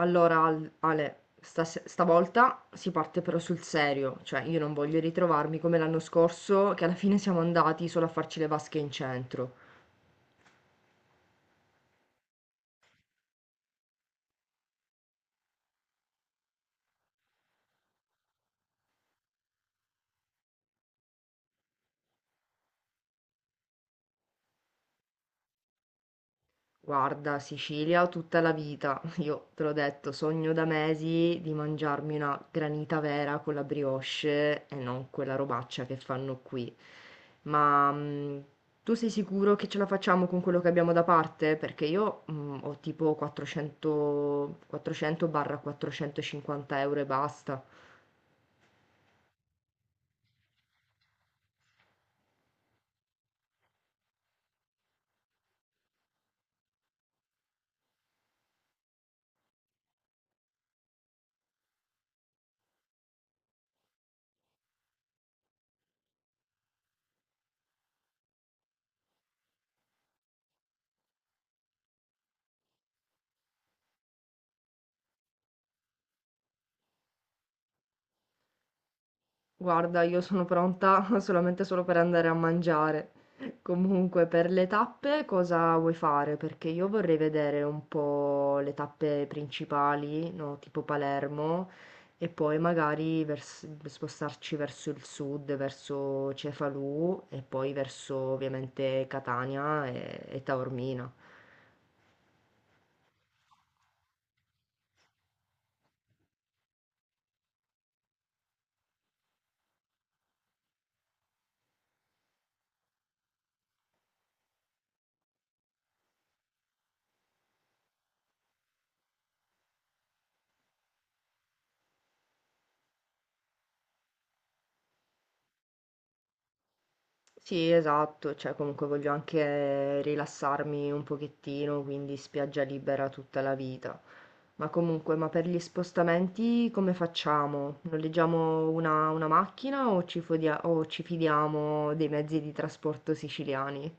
Allora, Ale, stavolta si parte però sul serio, cioè io non voglio ritrovarmi come l'anno scorso, che alla fine siamo andati solo a farci le vasche in centro. Guarda, Sicilia tutta la vita. Io te l'ho detto, sogno da mesi di mangiarmi una granita vera con la brioche e non quella robaccia che fanno qui. Ma tu sei sicuro che ce la facciamo con quello che abbiamo da parte? Perché io ho tipo 400-450 euro e basta. Guarda, io sono pronta solamente solo per andare a mangiare. Comunque, per le tappe cosa vuoi fare? Perché io vorrei vedere un po' le tappe principali, no? Tipo Palermo, e poi magari spostarci verso il sud, verso Cefalù e poi verso ovviamente Catania e Taormina. Sì, esatto, cioè comunque voglio anche rilassarmi un pochettino, quindi spiaggia libera tutta la vita. Ma comunque, ma per gli spostamenti come facciamo? Noleggiamo una macchina o ci fidiamo dei mezzi di trasporto siciliani?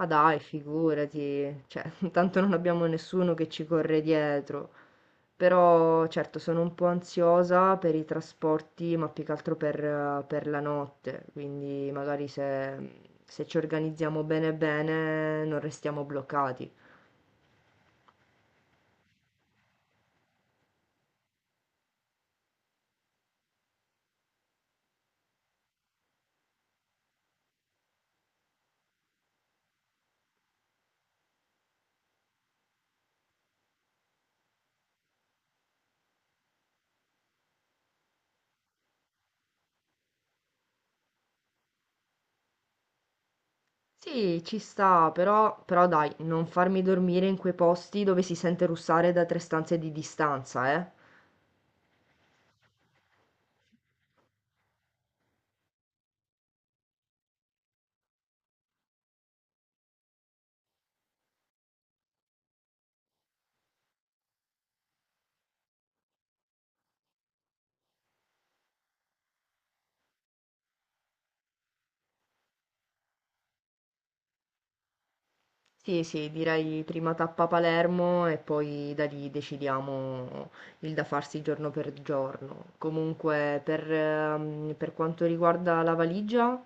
Ah dai, figurati, cioè, tanto non abbiamo nessuno che ci corre dietro. Però certo sono un po' ansiosa per i trasporti, ma più che altro per la notte, quindi magari se ci organizziamo bene bene non restiamo bloccati. Sì, ci sta, però, però dai, non farmi dormire in quei posti dove si sente russare da tre stanze di distanza, eh. Sì, sì, direi prima tappa Palermo e poi da lì decidiamo il da farsi giorno per giorno. Comunque, per quanto riguarda la valigia,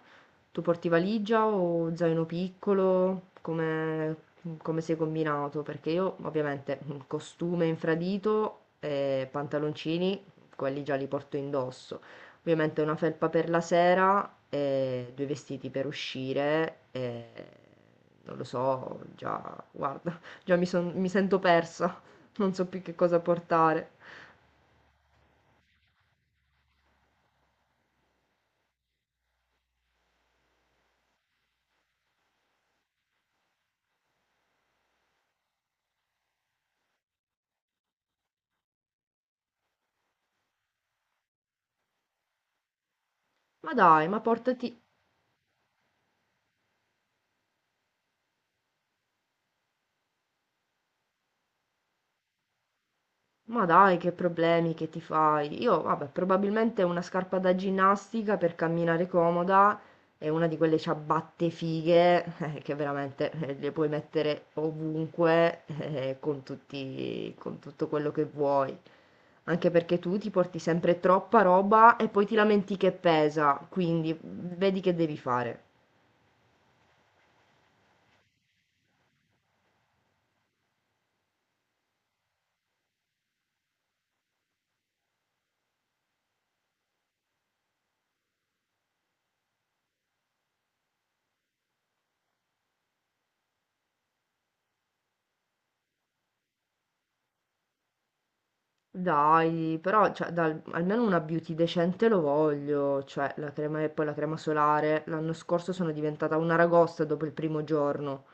tu porti valigia o zaino piccolo? Come, come sei combinato? Perché io ovviamente costume infradito e pantaloncini, quelli già li porto indosso. Ovviamente una felpa per la sera e due vestiti per uscire e non lo so, già, guarda, già mi, mi sento persa, non so più che cosa portare. Ma dai, ma portati, ma dai, che problemi che ti fai? Io, vabbè, probabilmente una scarpa da ginnastica per camminare comoda e una di quelle ciabatte fighe che veramente le puoi mettere ovunque con tutti, con tutto quello che vuoi. Anche perché tu ti porti sempre troppa roba e poi ti lamenti che pesa, quindi vedi che devi fare. Dai, però cioè, almeno una beauty decente lo voglio, cioè la crema e poi la crema solare. L'anno scorso sono diventata una ragosta dopo il primo giorno.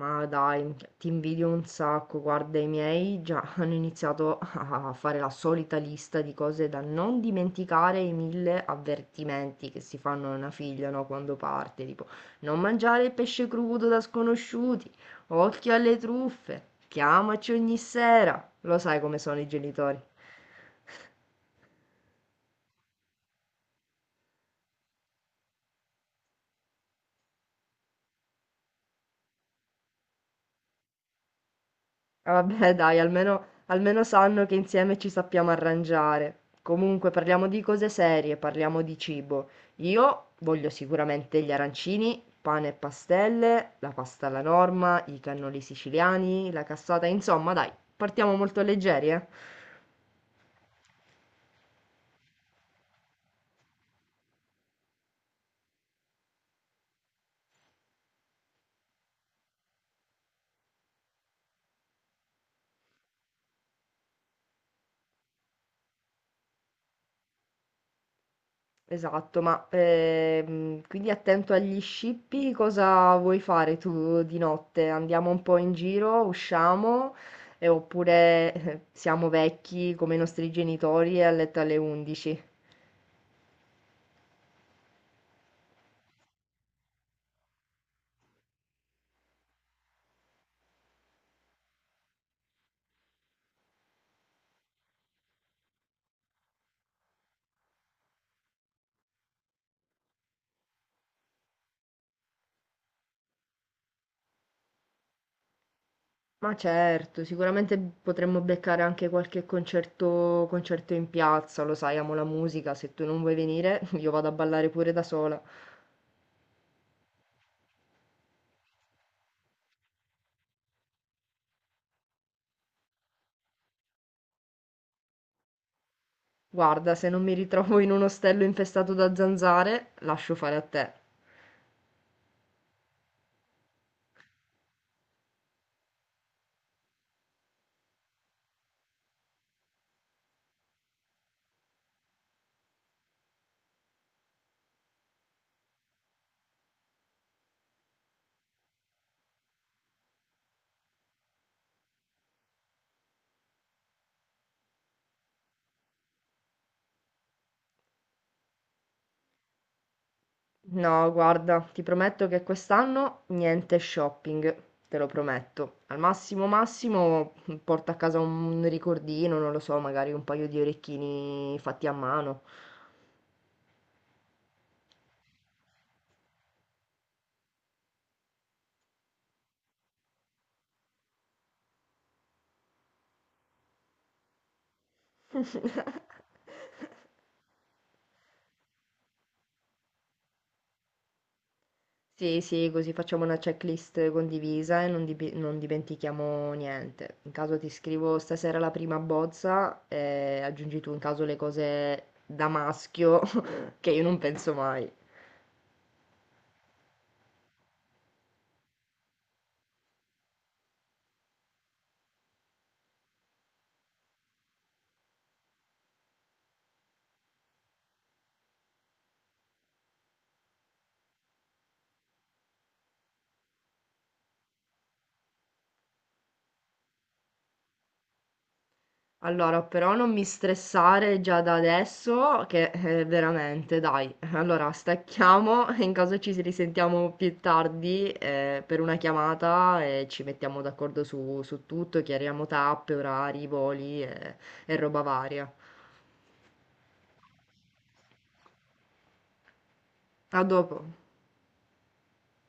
Ma dai, ti invidio un sacco. Guarda, i miei già hanno iniziato a fare la solita lista di cose da non dimenticare, i mille avvertimenti che si fanno a una figlia, no, quando parte, tipo non mangiare il pesce crudo da sconosciuti, occhio alle truffe, chiamaci ogni sera. Lo sai come sono i genitori. Ah, vabbè, dai, almeno, almeno sanno che insieme ci sappiamo arrangiare. Comunque, parliamo di cose serie, parliamo di cibo. Io voglio sicuramente gli arancini, pane e pastelle, la pasta alla norma, i cannoli siciliani, la cassata, insomma, dai, partiamo molto leggeri, eh? Esatto, ma quindi attento agli scippi, cosa vuoi fare tu di notte? Andiamo un po' in giro, usciamo, e oppure siamo vecchi come i nostri genitori e a letto alle 11? Ma certo, sicuramente potremmo beccare anche qualche concerto, concerto in piazza, lo sai, amo la musica, se tu non vuoi venire io vado a ballare pure da sola. Guarda, se non mi ritrovo in un ostello infestato da zanzare, lascio fare a te. No, guarda, ti prometto che quest'anno niente shopping, te lo prometto. Al massimo massimo porto a casa un ricordino, non lo so, magari un paio di orecchini fatti a mano. Sì, sì, così facciamo una checklist condivisa e non dimentichiamo niente. In caso ti scrivo stasera la prima bozza e aggiungi tu in caso le cose da maschio che io non penso mai. Allora, però non mi stressare già da adesso, che veramente, dai. Allora, stacchiamo e in caso ci risentiamo più tardi per una chiamata e ci mettiamo d'accordo su tutto, chiariamo tappe, orari, voli e roba varia. A dopo.